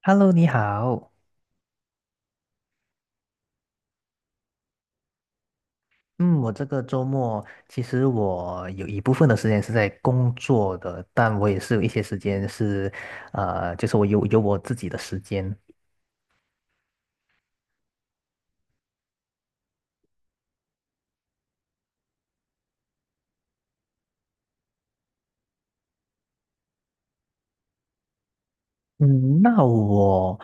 Hello，你好。嗯，我这个周末其实我有一部分的时间是在工作的，但我也是有一些时间是，就是我有我自己的时间。嗯，那我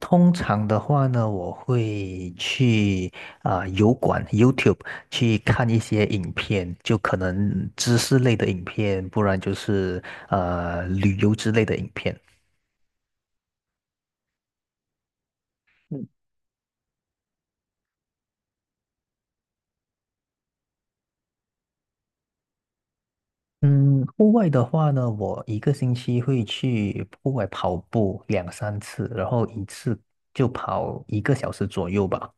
通常的话呢，我会去油管 YouTube 去看一些影片，就可能知识类的影片，不然就是旅游之类的影片。嗯，户外的话呢，我一个星期会去户外跑步两三次，然后一次就跑一个小时左右吧。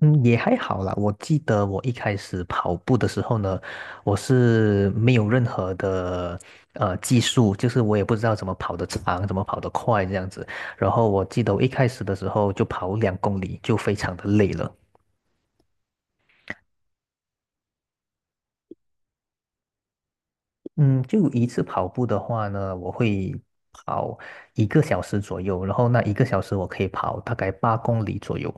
嗯，也还好啦。我记得我一开始跑步的时候呢，我是没有任何的技术，就是我也不知道怎么跑得长，怎么跑得快这样子。然后我记得我一开始的时候就跑2公里，就非常的累了。嗯，就一次跑步的话呢，我会跑一个小时左右，然后那一个小时我可以跑大概8公里左右。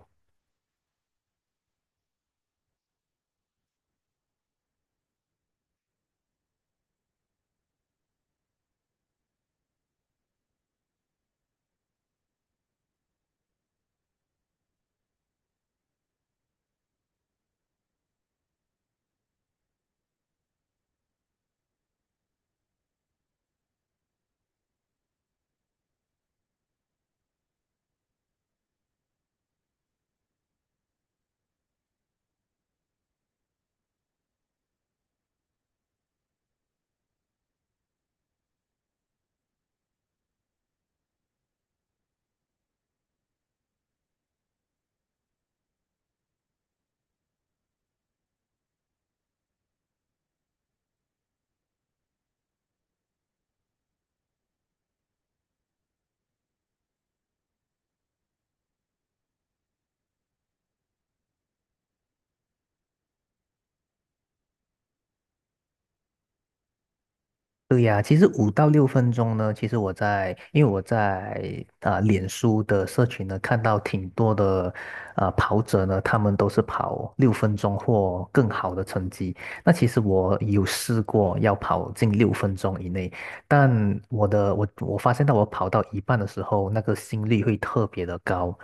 对呀，其实5到6分钟呢，其实我在，因为我在脸书的社群呢，看到挺多的跑者呢，他们都是跑六分钟或更好的成绩。那其实我有试过要跑进六分钟以内，但我发现到我跑到一半的时候，那个心率会特别的高。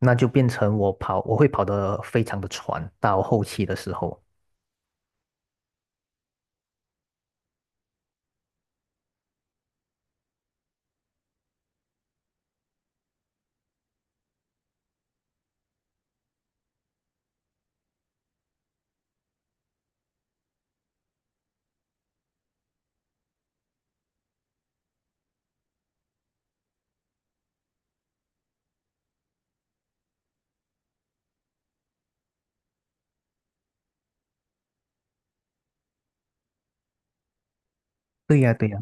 那就变成我跑，我会跑得非常的喘，到后期的时候。对呀，对呀。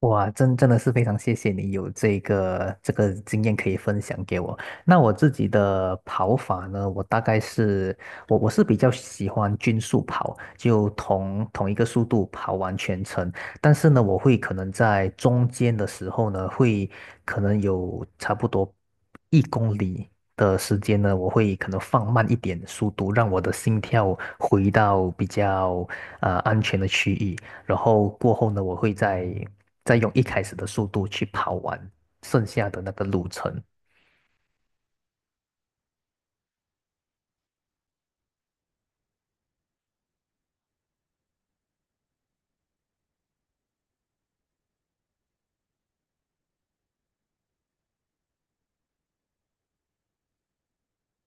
哇，真的是非常谢谢你有这个经验可以分享给我。那我自己的跑法呢，我大概是我是比较喜欢均速跑，就同一个速度跑完全程。但是呢，我会可能在中间的时候呢，会可能有差不多1公里的时间呢，我会可能放慢一点速度，让我的心跳回到比较安全的区域。然后过后呢，我会再用一开始的速度去跑完剩下的那个路程。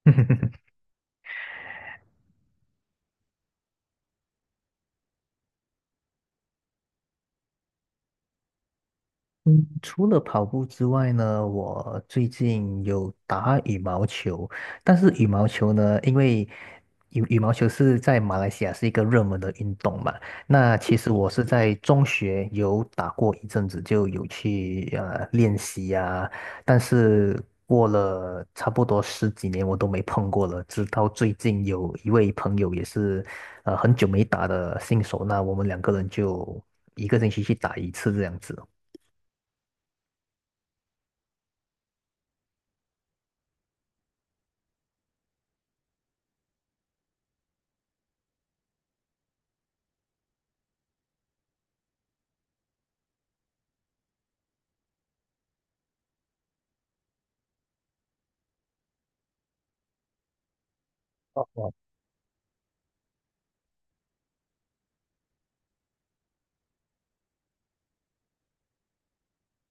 嗯，除了跑步之外呢，我最近有打羽毛球，但是羽毛球呢，因为羽毛球是在马来西亚是一个热门的运动嘛，那其实我是在中学有打过一阵子，就有去练习呀，但是过了差不多十几年我都没碰过了，直到最近有一位朋友也是很久没打的新手，那我们两个人就一个星期去打一次这样子。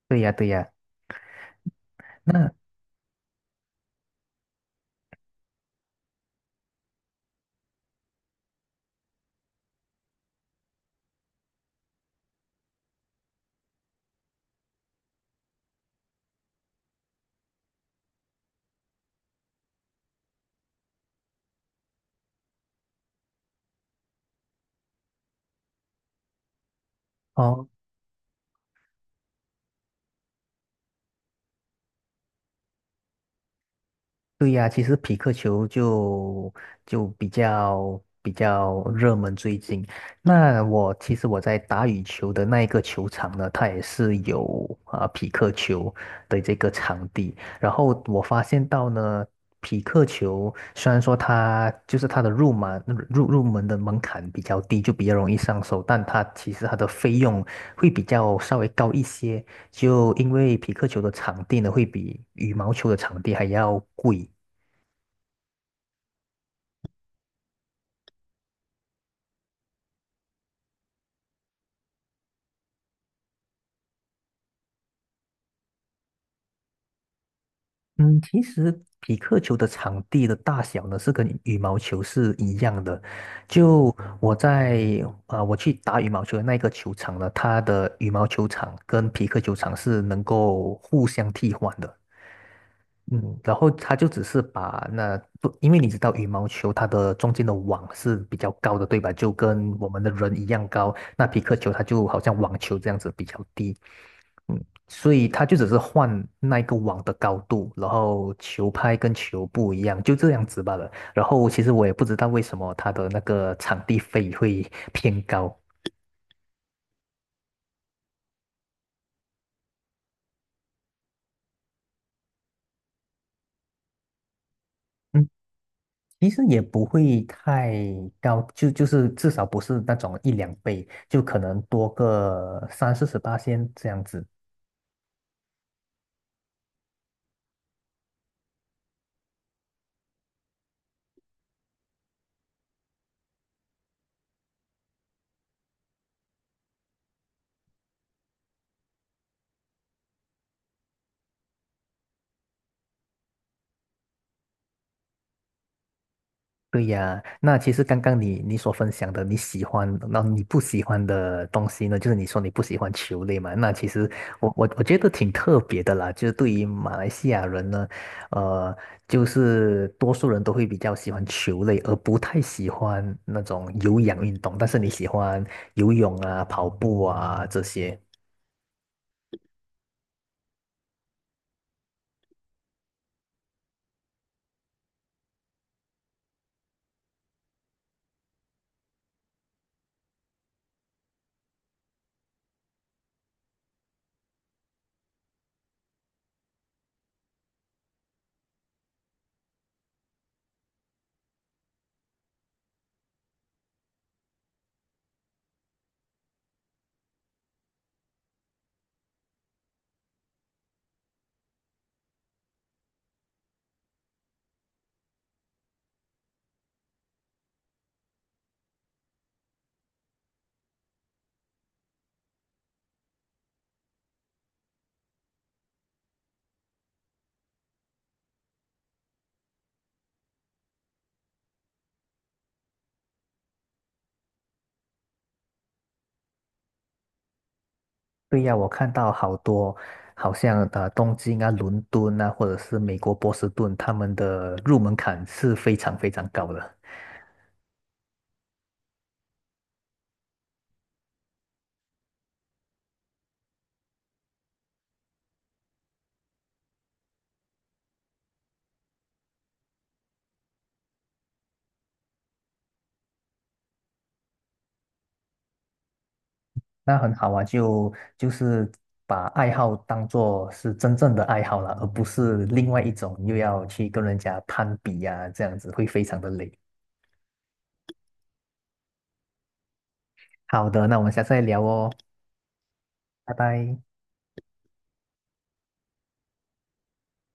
对呀，对呀，那哦，对呀，其实匹克球就比较热门最近。那我其实我在打羽球的那一个球场呢，它也是有匹克球的这个场地。然后我发现到呢，匹克球虽然说它就是它的入门入门的门槛比较低，就比较容易上手，但它其实它的费用会比较稍微高一些。就因为匹克球的场地呢，会比羽毛球的场地还要贵。嗯，其实匹克球的场地的大小呢，是跟羽毛球是一样的。就我在我去打羽毛球的那个球场呢，它的羽毛球场跟匹克球场是能够互相替换的。嗯，然后他就只是把那不，因为你知道羽毛球它的中间的网是比较高的，对吧？就跟我们的人一样高。那皮克球它就好像网球这样子比较低，嗯，所以他就只是换那一个网的高度，然后球拍跟球不一样，就这样子罢了。然后其实我也不知道为什么它的那个场地费会偏高。嗯。其实也不会太高，就是至少不是那种一两倍，就可能多个三四十八仙这样子。对呀，那其实刚刚你所分享的你喜欢，那你不喜欢的东西呢，就是你说你不喜欢球类嘛，那其实我觉得挺特别的啦，就是对于马来西亚人呢，呃，就是多数人都会比较喜欢球类，而不太喜欢那种有氧运动，但是你喜欢游泳啊、跑步啊这些。对呀，我看到好多，好像啊东京啊、伦敦啊，或者是美国波士顿，他们的入门槛是非常非常高的。那很好啊，就是把爱好当做是真正的爱好了，而不是另外一种又要去跟人家攀比呀、这样子会非常的累。好的，那我们下次再聊哦，拜拜。